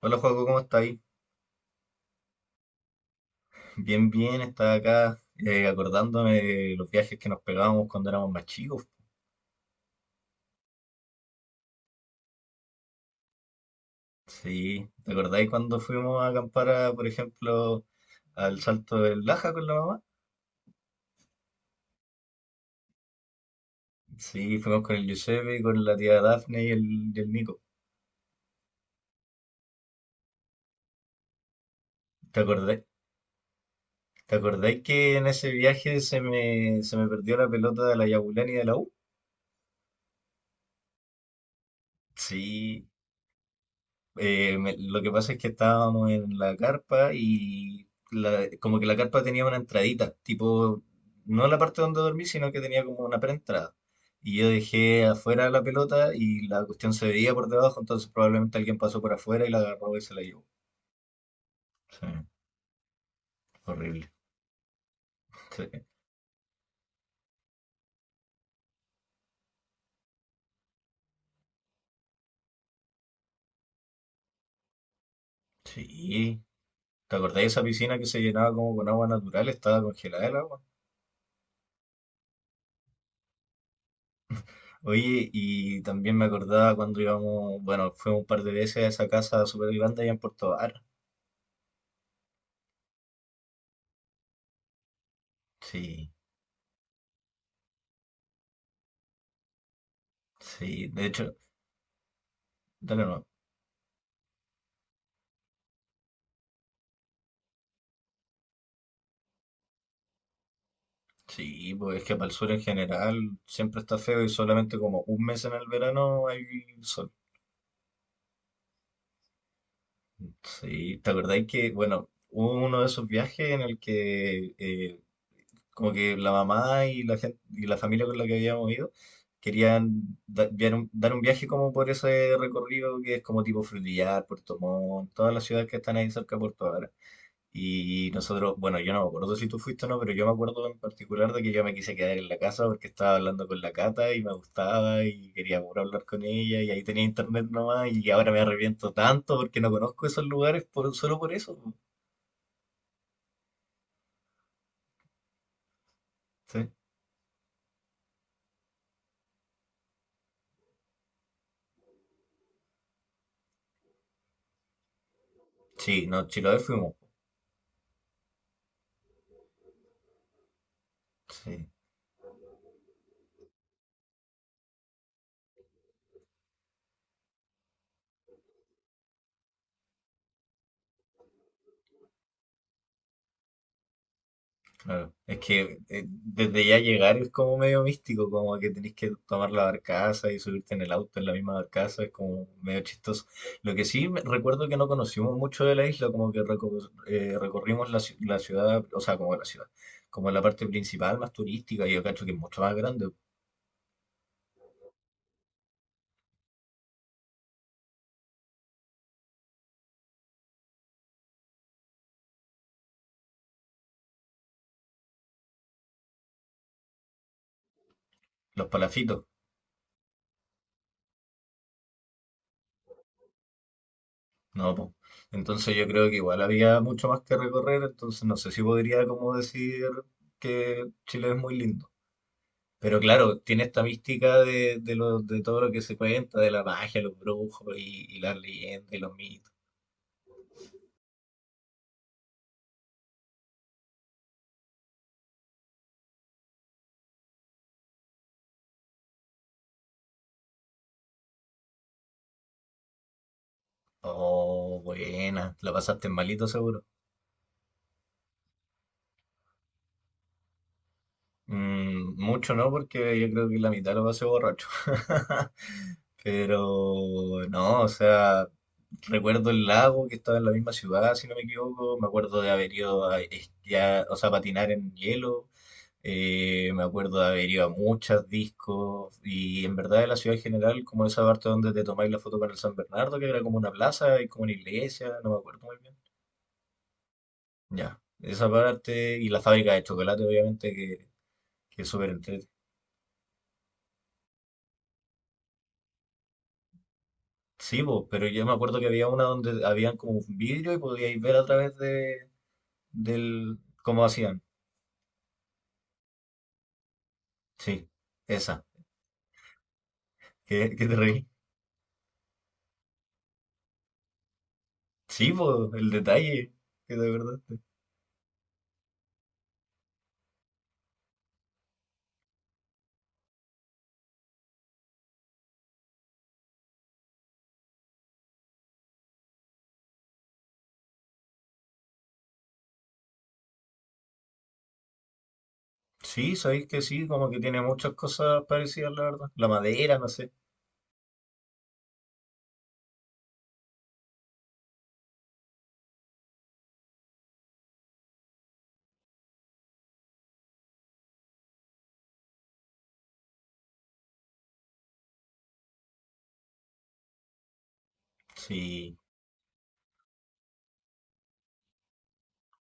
Hola Joaco, ¿cómo estáis? Bien, bien, estaba acá acordándome de los viajes que nos pegábamos cuando éramos más chicos. Sí, ¿te acordáis cuando fuimos a acampar, a, por ejemplo, al Salto del Laja con la mamá? Sí, fuimos con el Giuseppe, con la tía Dafne y el Nico. ¿Te acordáis? ¿Te acordáis que en ese viaje se me perdió la pelota de la Yabulani de la U? Sí. Lo que pasa es que estábamos en la carpa y como que la carpa tenía una entradita, tipo, no la parte donde dormí, sino que tenía como una preentrada. Y yo dejé afuera la pelota y la cuestión se veía por debajo, entonces probablemente alguien pasó por afuera y la agarró y se la llevó. Sí, horrible. Sí. Sí. ¿Te acordás de esa piscina que se llenaba como con agua natural? Estaba congelada el agua. Oye, y también me acordaba cuando íbamos, bueno, fuimos un par de veces a esa casa súper grande allá en Puerto Vara. Sí. Sí, de hecho, dale no. Sí, pues es que para el sur en general siempre está feo y solamente como un mes en el verano hay sol. Sí, ¿te acordáis que, bueno, hubo uno de esos viajes en el que como que la mamá y la gente, y la familia con la que habíamos ido querían dar un viaje como por ese recorrido que es como tipo Frutillar, Puerto Montt, todas las ciudades que están ahí cerca de Puerto Varas. Y nosotros, bueno, yo no me acuerdo si tú fuiste o no, pero yo me acuerdo en particular de que yo me quise quedar en la casa porque estaba hablando con la Cata y me gustaba y quería puro hablar con ella y ahí tenía internet nomás y ahora me arrepiento tanto porque no conozco esos lugares por, solo por eso. Sí, sí, no, Chiloé fuimos. Sí. Claro, es que desde ya llegar es como medio místico, como que tenés que tomar la barcaza y subirte en el auto en la misma barcaza, es como medio chistoso. Lo que sí recuerdo que no conocimos mucho de la isla, como que recorrimos la, la ciudad, o sea, como la ciudad, como la parte principal más turística, y yo cacho que es mucho más grande, los palafitos, ¿no? po. Entonces yo creo que igual había mucho más que recorrer, entonces no sé si podría como decir que Chile es muy lindo. Pero claro, tiene esta mística de, de todo lo que se cuenta, de la magia, los brujos y las leyendas y los mitos. Oh, buena, la pasaste malito seguro. Mm, mucho no, porque yo creo que la mitad lo pasé borracho. Pero no, o sea, recuerdo el lago que estaba en la misma ciudad, si no me equivoco. Me acuerdo de haber ido a esquiar, o sea, a patinar en hielo. Me acuerdo de haber ido a muchos discos y en verdad de la ciudad en general, como esa parte donde te tomáis la foto con el San Bernardo, que era como una plaza y como una iglesia, no me acuerdo muy bien. Ya, esa parte y la fábrica de chocolate, obviamente, que es súper entrete. Sí, po, pero yo me acuerdo que había una donde habían como un vidrio y podíais ver a través de, del cómo hacían. Sí, esa, que te reí. Sí, po, el detalle, que de verdad. Sí, sabéis que sí, como que tiene muchas cosas parecidas, la verdad. La madera, no sé. Sí,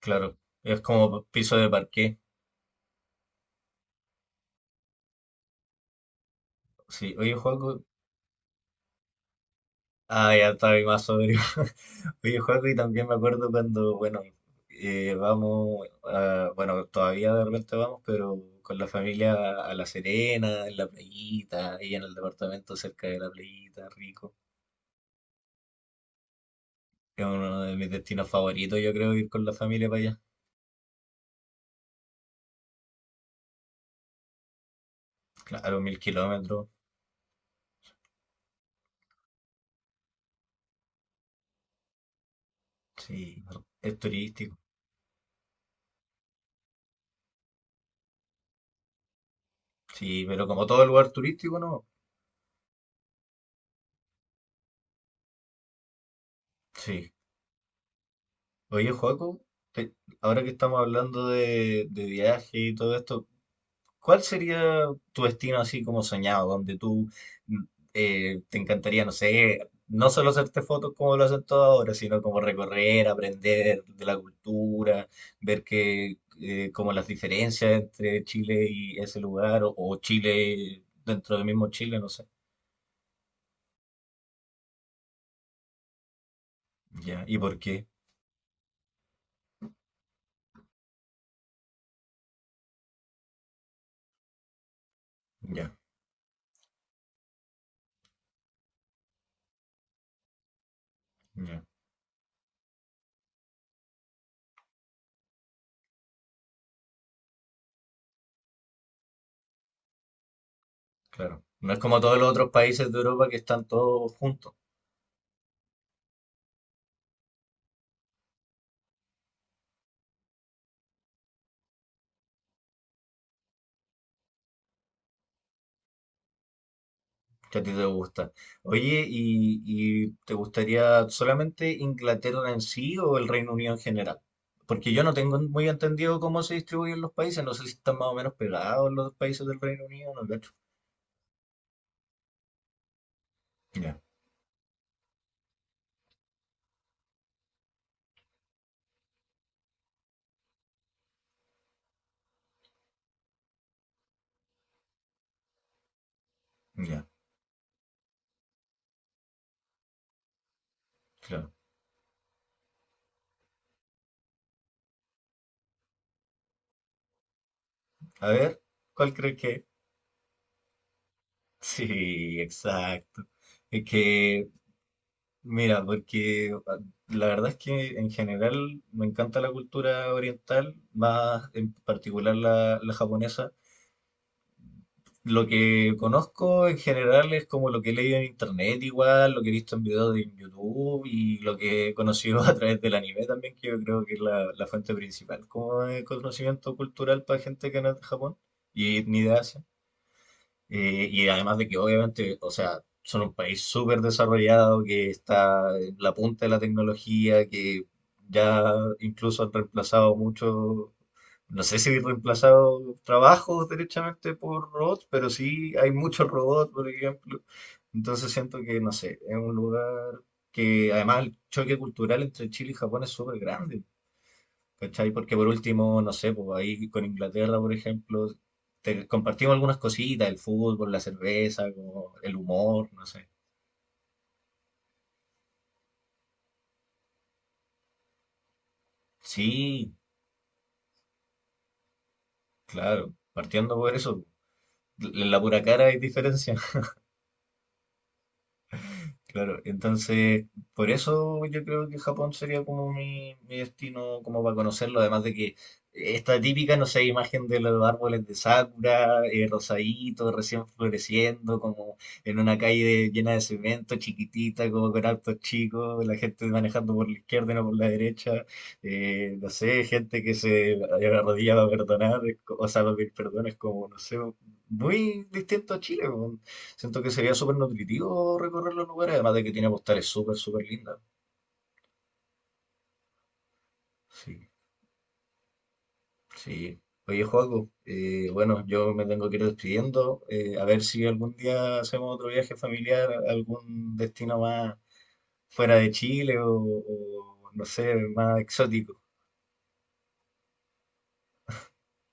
claro. Es como piso de parqué. Sí, oye, juego. Ah, ya estaba ahí más sobrio. Oye, juego, y también me acuerdo cuando, bueno, vamos, bueno, todavía de repente vamos, pero con la familia a La Serena, en la playita, ahí en el departamento cerca de la playita, rico. Es uno de mis destinos favoritos, yo creo, ir con la familia para allá. Claro, 1.000 kilómetros. Sí, es turístico. Sí, pero como todo lugar turístico, ¿no? Sí. Oye, Joaco, te- ahora que estamos hablando de viaje y todo esto, ¿cuál sería tu destino así como soñado, donde tú mm, te encantaría, no sé, no solo hacerte fotos como lo hacen todos ahora, sino como recorrer, aprender de la cultura, ver que como las diferencias entre Chile y ese lugar, o Chile dentro del mismo Chile, no sé. Ya, ¿y por qué? Ya, ya. Claro. No es como todos los otros países de Europa que están todos juntos, que a ti te gusta. Oye, y te gustaría solamente Inglaterra en sí o el Reino Unido en general? Porque yo no tengo muy entendido cómo se distribuyen los países, no sé si están más o menos pegados los países del Reino Unido, no cacho. Ya, ya, claro. A ver, ¿cuál crees que? Sí, exacto. Es que mira, porque ah, la verdad es que en general me encanta la cultura oriental, más en particular la, la japonesa. Lo que conozco en general es como lo que he leído en internet igual, lo que he visto en videos de YouTube y lo que he conocido a través del anime también, que yo creo que es la, la fuente principal como de conocimiento cultural para gente que no es de Japón y ni de Asia. Y además de que obviamente, o sea, son un país súper desarrollado, que está en la punta de la tecnología, que ya incluso han reemplazado mucho, no sé si han reemplazado trabajos derechamente por robots, pero sí hay muchos robots, por ejemplo. Entonces siento que, no sé, es un lugar que además el choque cultural entre Chile y Japón es súper grande. ¿Cachai? Porque por último, no sé, pues ahí con Inglaterra, por ejemplo, te compartimos algunas cositas, el fútbol, la cerveza, como el humor, no sé. Sí, claro, partiendo por eso, en la pura cara hay diferencia. Claro, entonces por eso yo creo que Japón sería como mi destino como para conocerlo, además de que esta típica, no sé, imagen de los árboles de sakura, rosadito, recién floreciendo, como en una calle llena de cemento, chiquitita, como con autos chicos, la gente manejando por la izquierda y no por la derecha, no sé, gente que se arrodilla para perdonar, o sea, para pedir perdón, es como, no sé, muy distinto a Chile. Siento que sería súper nutritivo recorrer los lugares, además de que tiene postales súper, súper lindas. Sí, sí. Oye, Joaco, bueno, yo me tengo que ir despidiendo. A ver si algún día hacemos otro viaje familiar, a algún destino más fuera de Chile o, no sé, más exótico.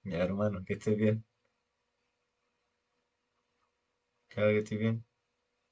Ya, hermano, que estés bien. Claro que estés bien.